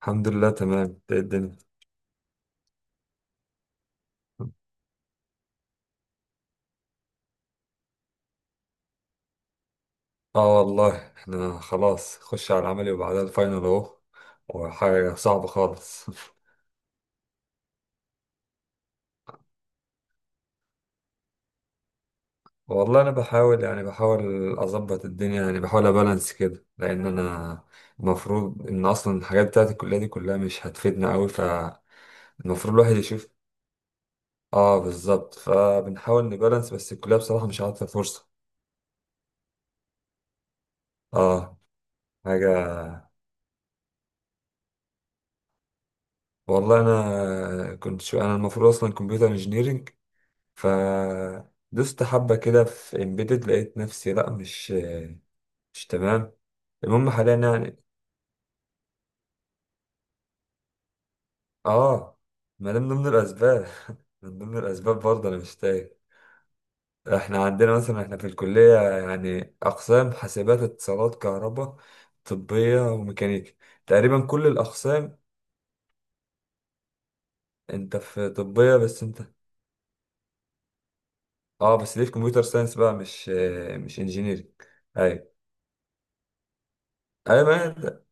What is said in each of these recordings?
الحمد لله، تمام. ده الدنيا. اه، والله احنا خلاص خش على العملي وبعدها الفاينل اهو. وحاجة صعبة خالص. والله انا بحاول اظبط الدنيا، يعني بحاول ابالانس كده، لان انا المفروض ان اصلا الحاجات بتاعت الكلية دي كلها مش هتفيدنا قوي، فالمفروض الواحد يشوف. اه، بالظبط، فبنحاول نبالانس. بس الكلية بصراحة مش عارفة فرصة. اه، حاجة. والله انا كنت شو انا المفروض اصلا كمبيوتر انجينيرنج، فدوست حبة كده في امبيدد، لقيت نفسي لأ، مش تمام. المهم حاليا يعني. اه، ما ده من ضمن الأسباب. من ضمن الأسباب برضه أنا مش تايه. احنا عندنا مثلا، احنا في الكلية يعني أقسام: حاسبات، اتصالات، كهرباء، طبية، وميكانيكا. تقريبا كل الأقسام. انت في طبية، بس انت، اه، بس ليه في كمبيوتر ساينس بقى، مش انجينيرنج؟ ايوه، ايوه.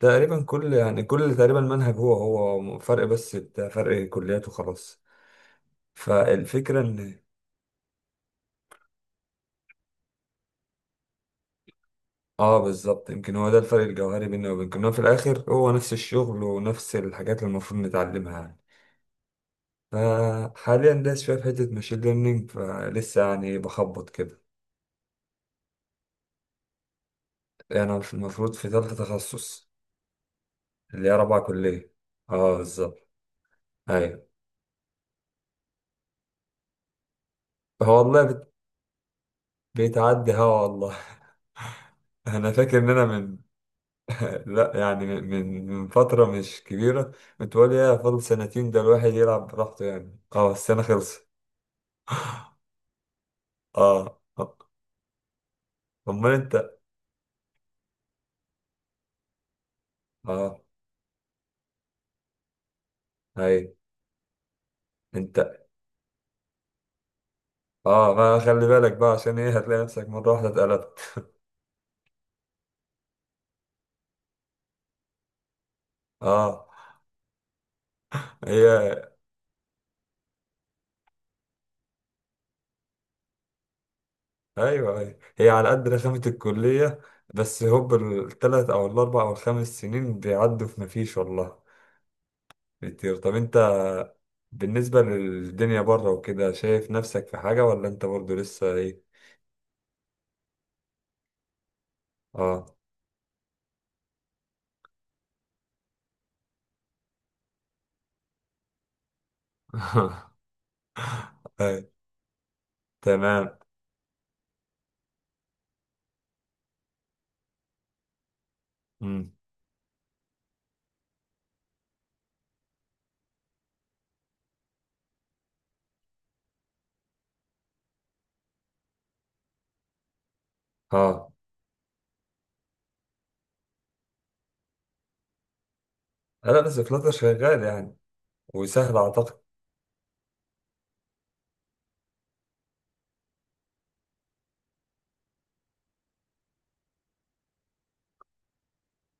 تقريبا كل تقريبا المنهج هو هو. فرق بس بتاع فرق كليات وخلاص. فالفكرة ان، اه بالظبط، يمكن هو ده الفرق الجوهري بيننا وبينكم، إن هو في الاخر هو نفس الشغل ونفس الحاجات اللي المفروض نتعلمها يعني. فحاليا داس شوية في حتة ماشين ليرنينج، فلسه يعني بخبط كده. يعني أنا المفروض في تالتة تخصص، اللي هي رابعة كلية. اه، بالظبط. ايوه. هو والله بيتعدي هوا والله. انا فاكر ان انا من لا، يعني من فترة مش كبيرة كنت بقول ايه فاضل سنتين، ده الواحد يلعب براحته يعني. اه، السنة خلصت. اه، آه. امال انت، اه هاي انت، اه، ما خلي بالك بقى، عشان ايه هتلاقي نفسك مرة واحدة اتقلبت. اه. هي، ايوه، هي على قد رخامة الكلية. بس هوب التلات او الاربع او الخمس سنين بيعدوا في مفيش والله. كتير. طب انت بالنسبة للدنيا بره وكده، شايف نفسك في حاجة، ولا انت برضو لسه ايه؟ اه. أي، تمام. مم. اه، لا، بس فلاتر شغال يعني، وسهل اعتقد.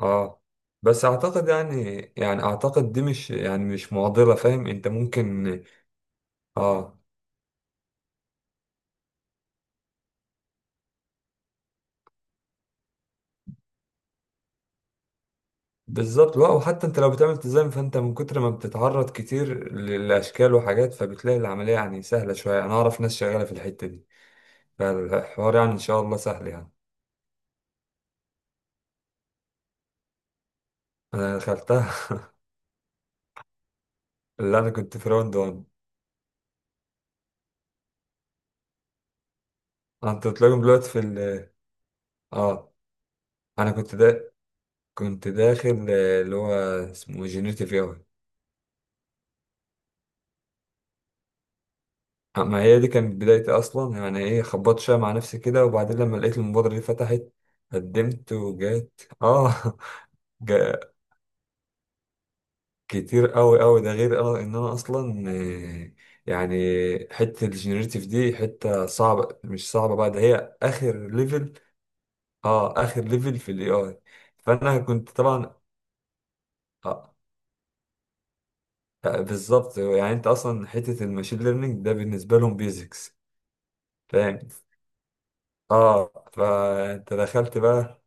اه، بس اعتقد يعني، يعني اعتقد دي مش، يعني مش معضلة، فاهم انت ممكن. اه، بالظبط. لا، وحتى انت لو بتعمل تزام، فانت من كتر ما بتتعرض كتير للاشكال وحاجات، فبتلاقي العملية يعني سهلة شوية. انا اعرف ناس شغالة في الحتة دي، فالحوار يعني ان شاء الله سهل يعني. انا دخلتها. اللي انا كنت في راوند 1. انتوا تلاقيهم دلوقتي في ال اه انا كنت ده كنت داخل، اللي هو اسمه جينيريتيف اي. ما هي دي كانت بدايتي اصلا يعني، ايه، خبطت شويه مع نفسي كده، وبعدين لما لقيت المبادره دي فتحت، قدمت، وجات اه. جا. كتير قوي قوي. ده غير اه ان انا اصلا، يعني حته الجينيريتيف دي حته صعبه، مش صعبه بقى، ده هي اخر ليفل. اه، اخر ليفل في الاي اي. فانا كنت طبعا آه بالظبط يعني. انت اصلا حته الماشين ليرنينج ده بالنسبه لهم بيزكس، فاهم. اه، فانت دخلت بقى.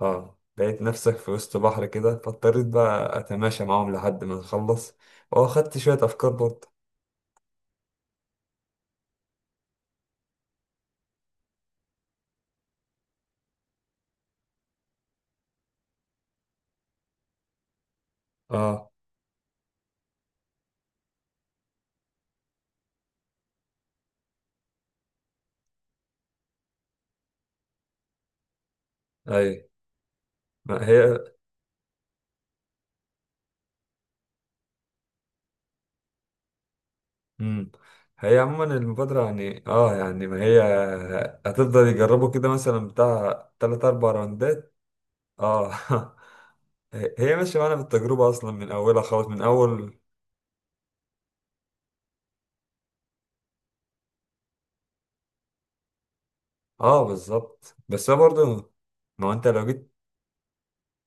اه، لقيت نفسك في وسط بحر كده، فاضطريت بقى اتماشى معاهم لحد ما نخلص. واخدت شوية افكار برضه. اه، ايوه. ما هي. مم. هي عموما المبادرة يعني، اه، ما هي هتفضل يجربوا كده، مثلا بتاع تلات أربع راوندات. اه. هي ماشية معانا بالتجربة أصلا من أولها خالص، من أول. اه، بالظبط. بس هو برضه، ما هو أنت لو جيت،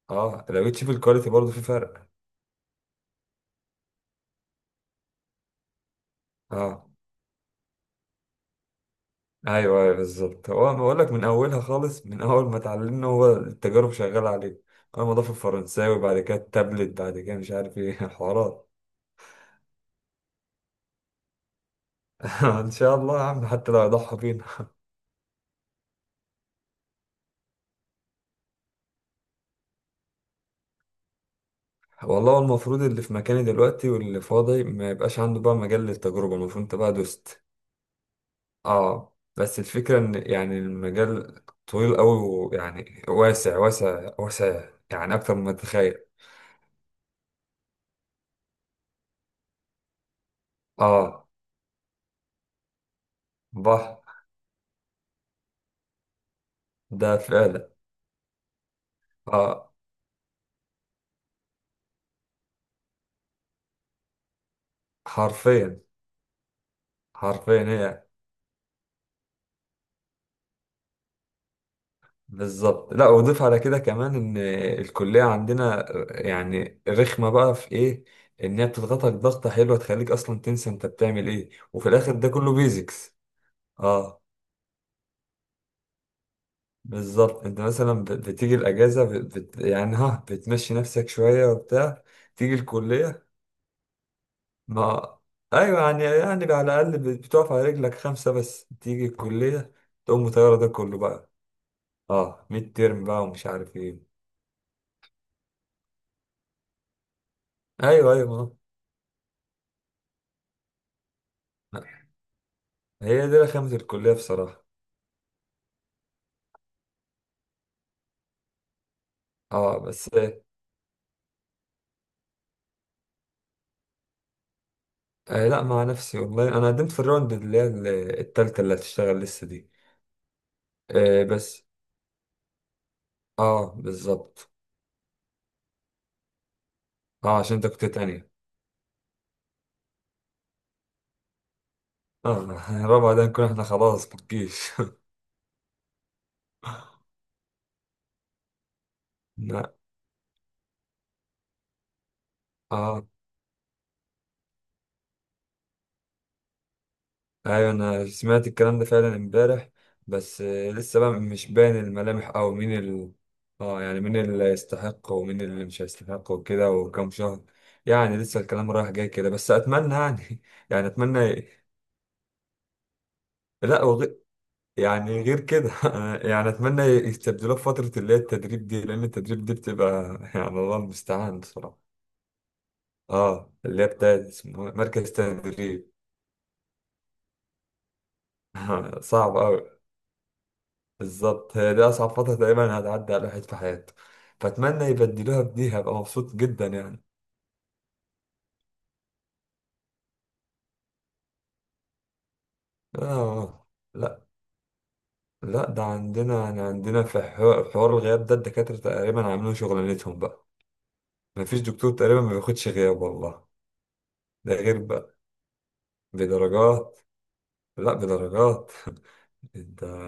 اه، لو جيت تشوف الكواليتي برضه في فرق. اه، ايوه، ايوه، بالظبط. هو بقول لك من اولها خالص، من اول ما اتعلمنا هو التجارب شغاله عليه. اول ما ضاف الفرنساوي، بعد كده التابلت، بعد كده مش عارف ايه. حوارات. ان شاء الله يا عم، حتى لو يضحى بينا. والله هو المفروض اللي في مكاني دلوقتي واللي فاضي ما يبقاش عنده بقى مجال للتجربه، المفروض انت بقى دوست. اه، بس الفكره ان يعني المجال طويل قوي، ويعني واسع واسع واسع، يعني اكتر مما تتخيل. اه، بحر. ده فعلا. اه، حرفيا. حرفيا هي. بالظبط. لا، واضيف على كده كمان ان الكليه عندنا يعني رخمه بقى في ايه، ان هي بتضغطك ضغطه حلوه تخليك اصلا تنسى انت بتعمل ايه، وفي الاخر ده كله بيزكس. اه، بالظبط. انت مثلا بتيجي الاجازه، يعني ها، بتمشي نفسك شويه وبتاع، تيجي الكليه ما. ايوه، يعني، يعني على الاقل بتقف على رجلك خمسه. بس تيجي الكليه تقوم مطيره ده كله بقى. اه، ميد ترم بقى ومش عارف ايه. ايوه، ايوه، آه. هي دي رخامة الكلية بصراحة. اه، بس آه، لا، مع نفسي والله. انا قدمت في الراوند اللي هي التالتة اللي هتشتغل لسه دي. آه، بس. اه، بالظبط. اه، عشان انت كنت تانية. اه. الرابعة ده نكون احنا خلاص في الجيش. لا. اه، ايوه، انا سمعت الكلام ده فعلا امبارح. بس آه، لسه بقى مش باين الملامح، او مين ال اه يعني مين اللي يستحق ومين اللي مش هيستحق وكده، وكم شهر. يعني لسه الكلام رايح جاي كده، بس اتمنى يعني. يعني اتمنى. لا، يعني غير كده. يعني اتمنى يستبدلوه في فتره اللي هي التدريب دي، لان التدريب دي بتبقى، يعني الله المستعان بصراحه. اه، اللي هي بتاعت اسمه إيه؟ مركز تدريب. صعب قوي. بالظبط، هي دي اصعب فتره تقريبا هتعدي على الواحد في حياته، فاتمنى يبدلوها بدي، هبقى مبسوط جدا يعني. اه، لا، لا. ده عندنا يعني، عندنا في حوار الغياب، ده الدكاتره تقريبا عاملين شغلانتهم بقى. مفيش دكتور تقريبا ما بياخدش غياب والله. ده غير بقى بدرجات. لا، بدرجات. انت